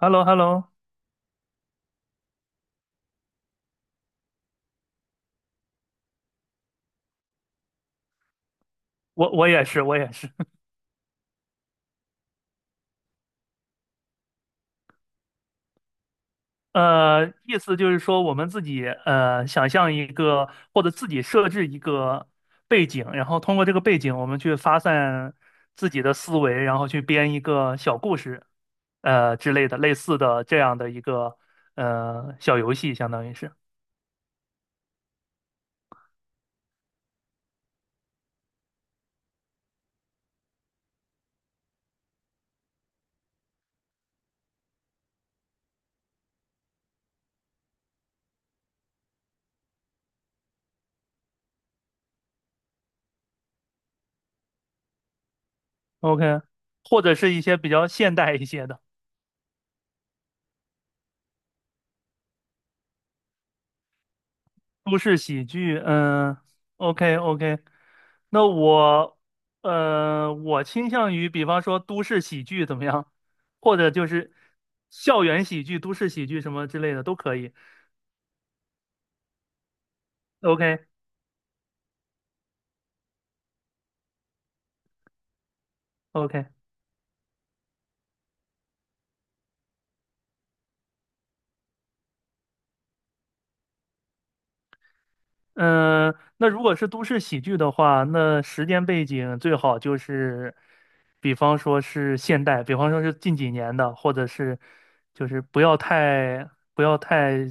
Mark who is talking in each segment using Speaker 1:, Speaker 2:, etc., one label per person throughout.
Speaker 1: Hello hello 我也是，我也是。意思就是说，我们自己想象一个，或者自己设置一个背景，然后通过这个背景，我们去发散自己的思维，然后去编一个小故事，之类的，类似的这样的一个小游戏，相当于是 OK，或者是一些比较现代一些的。都市喜剧，嗯，OK OK，那我，我倾向于，比方说都市喜剧怎么样，或者就是校园喜剧、都市喜剧什么之类的都可以。OK OK，嗯，那如果是都市喜剧的话，那时间背景最好就是，比方说是现代，比方说是近几年的，或者是就是不要太不要太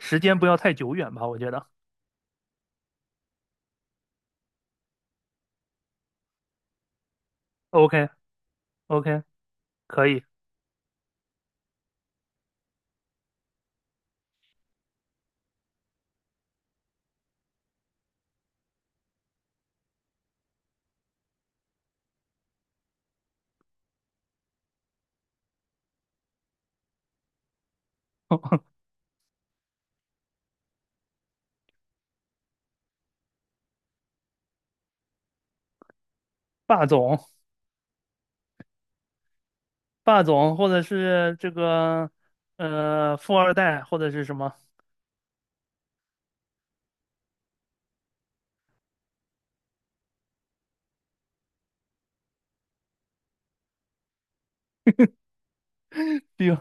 Speaker 1: 时间不要太久远吧，我觉得。OK OK。可以，霸总，霸总，或者是这个富二代，或者是什么，比如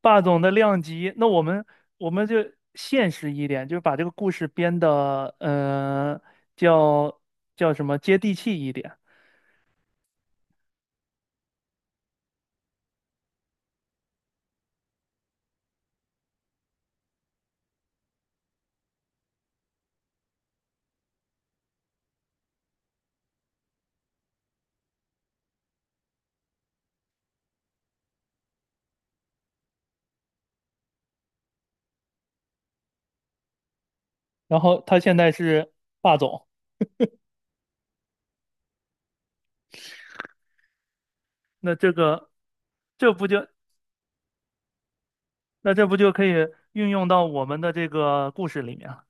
Speaker 1: 霸总的量级。那我们就现实一点，就把这个故事编的叫叫什么接地气一点。然后他现在是霸总，那这个这不就那这不就可以运用到我们的这个故事里面了？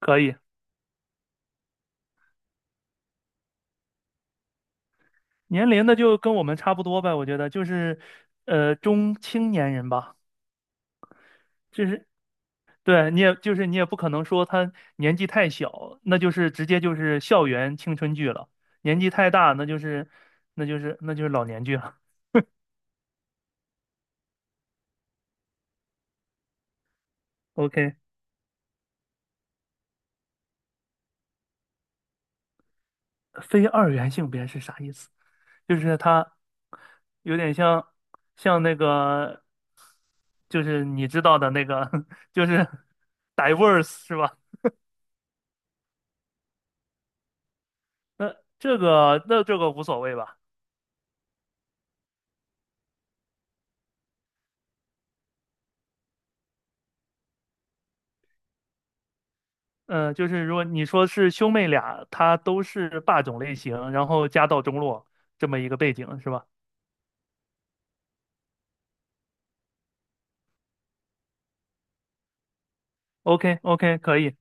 Speaker 1: 可以，年龄的就跟我们差不多呗，我觉得就是中青年人吧。就是对你也就是你也不可能说他年纪太小，那就是直接就是校园青春剧了；年纪太大，那就是老年剧了。OK，非二元性别是啥意思？就是他有点像那个，就是你知道的那个，就是 diverse 是吧？那那这个无所谓吧？嗯，呃就是如果你说是兄妹俩，他都是霸总类型，然后家道中落这么一个背景是吧？OK OK，可以，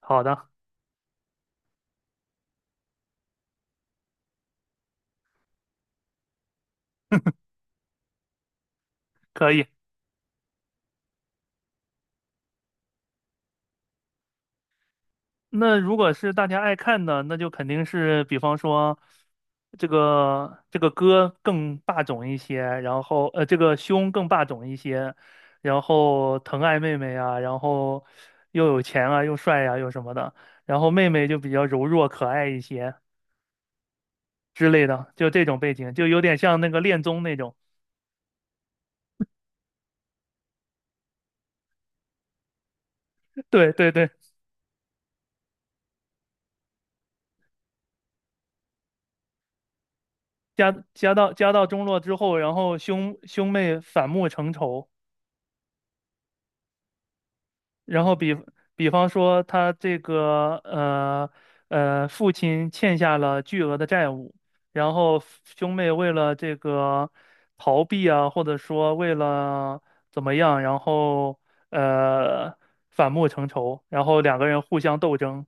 Speaker 1: 好的，可以。那如果是大家爱看的，那就肯定是，比方说这个这个哥更霸总一些，然后呃这个兄更霸总一些，然后疼爱妹妹啊，然后又有钱啊，又帅啊，又什么的，然后妹妹就比较柔弱可爱一些。之类的，就这种背景，就有点像那个恋综那种。对对对，家家到家到中落之后，然后兄兄妹反目成仇，然后比比方说他这个呃呃父亲欠下了巨额的债务，然后兄妹为了这个逃避啊，或者说为了怎么样，然后呃反目成仇，然后两个人互相斗争，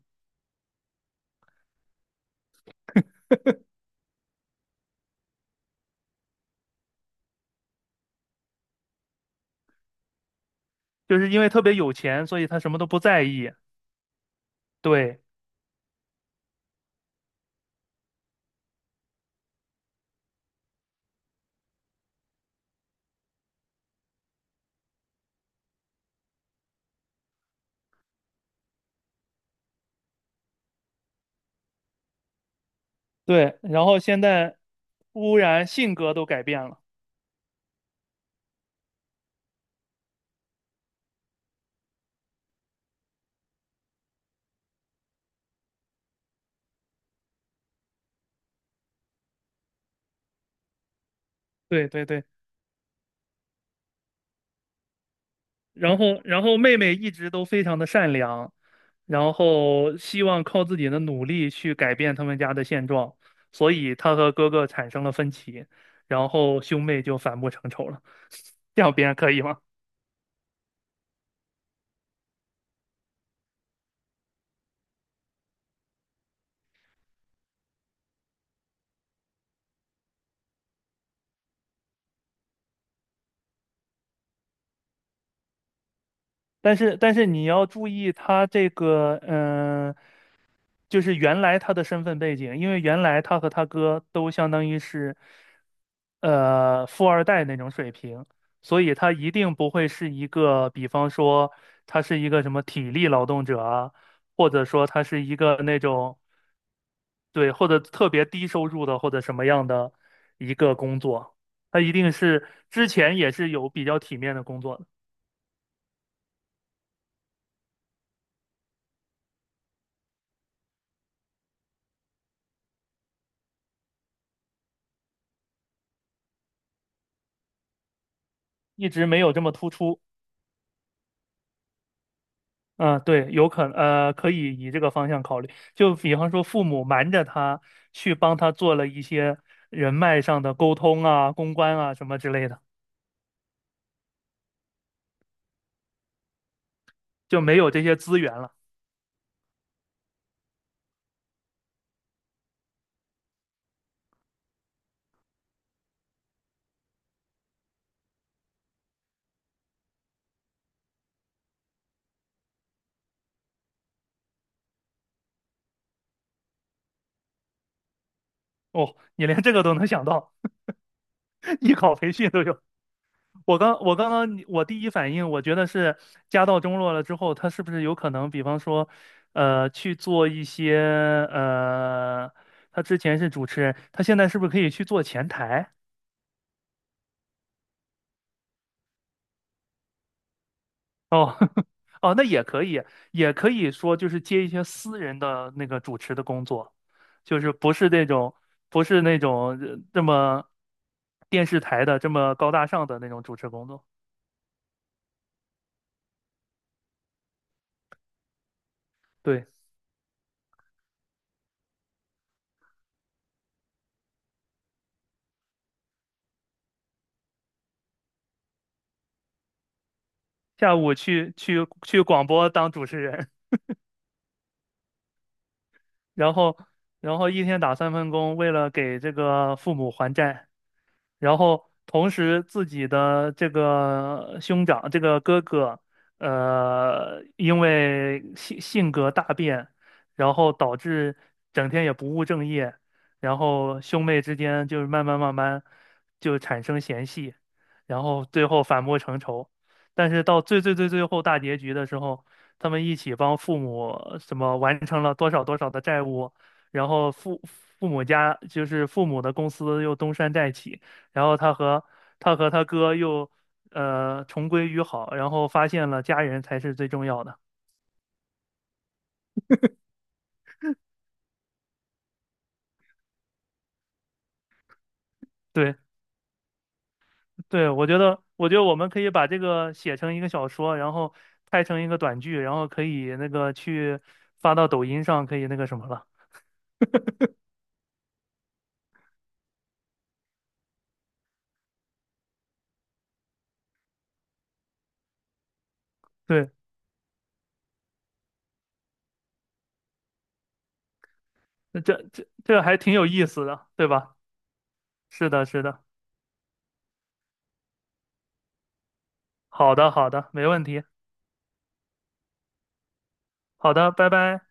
Speaker 1: 就是因为特别有钱，所以他什么都不在意。对，对，然后现在忽然性格都改变了，对对对，然后然后妹妹一直都非常的善良，然后希望靠自己的努力去改变他们家的现状，所以她和哥哥产生了分歧，然后兄妹就反目成仇了，这样别人可以吗？但是但是你要注意，他这个就是原来他的身份背景，因为原来他和他哥都相当于是，富二代那种水平，所以他一定不会是一个，比方说他是一个什么体力劳动者啊，或者说他是一个那种，对，或者特别低收入的或者什么样的一个工作，他一定是之前也是有比较体面的工作的，一直没有这么突出。嗯，对，有可能可以以这个方向考虑。就比方说，父母瞒着他去帮他做了一些人脉上的沟通啊、公关啊什么之类的，就没有这些资源了。哦，你连这个都能想到，艺考培训都有。我刚刚我第一反应，我觉得是家道中落了之后，他是不是有可能，比方说，去做一些呃，他之前是主持人，他现在是不是可以去做前台？哦，哦，那也可以，也可以说就是接一些私人的那个主持的工作，就是不是那种这么电视台的这么高大上的那种主持工作。对，下午去广播当主持人，然后然后一天打三份工，为了给这个父母还债。然后同时自己的这个兄长，这个哥哥，因为性格大变，然后导致整天也不务正业，然后兄妹之间就是慢慢慢慢就产生嫌隙，然后最后反目成仇，但是到最后大结局的时候，他们一起帮父母什么完成了多少多少的债务。然后父母家就是父母的公司又东山再起，然后他和他哥又重归于好，然后发现了家人才是最重要的。对对，我觉得我们可以把这个写成一个小说，然后拍成一个短剧，然后可以那个去发到抖音上，可以那个什么了。对，那这还挺有意思的，对吧？是的，是的，好的，好的，没问题，好的，拜拜。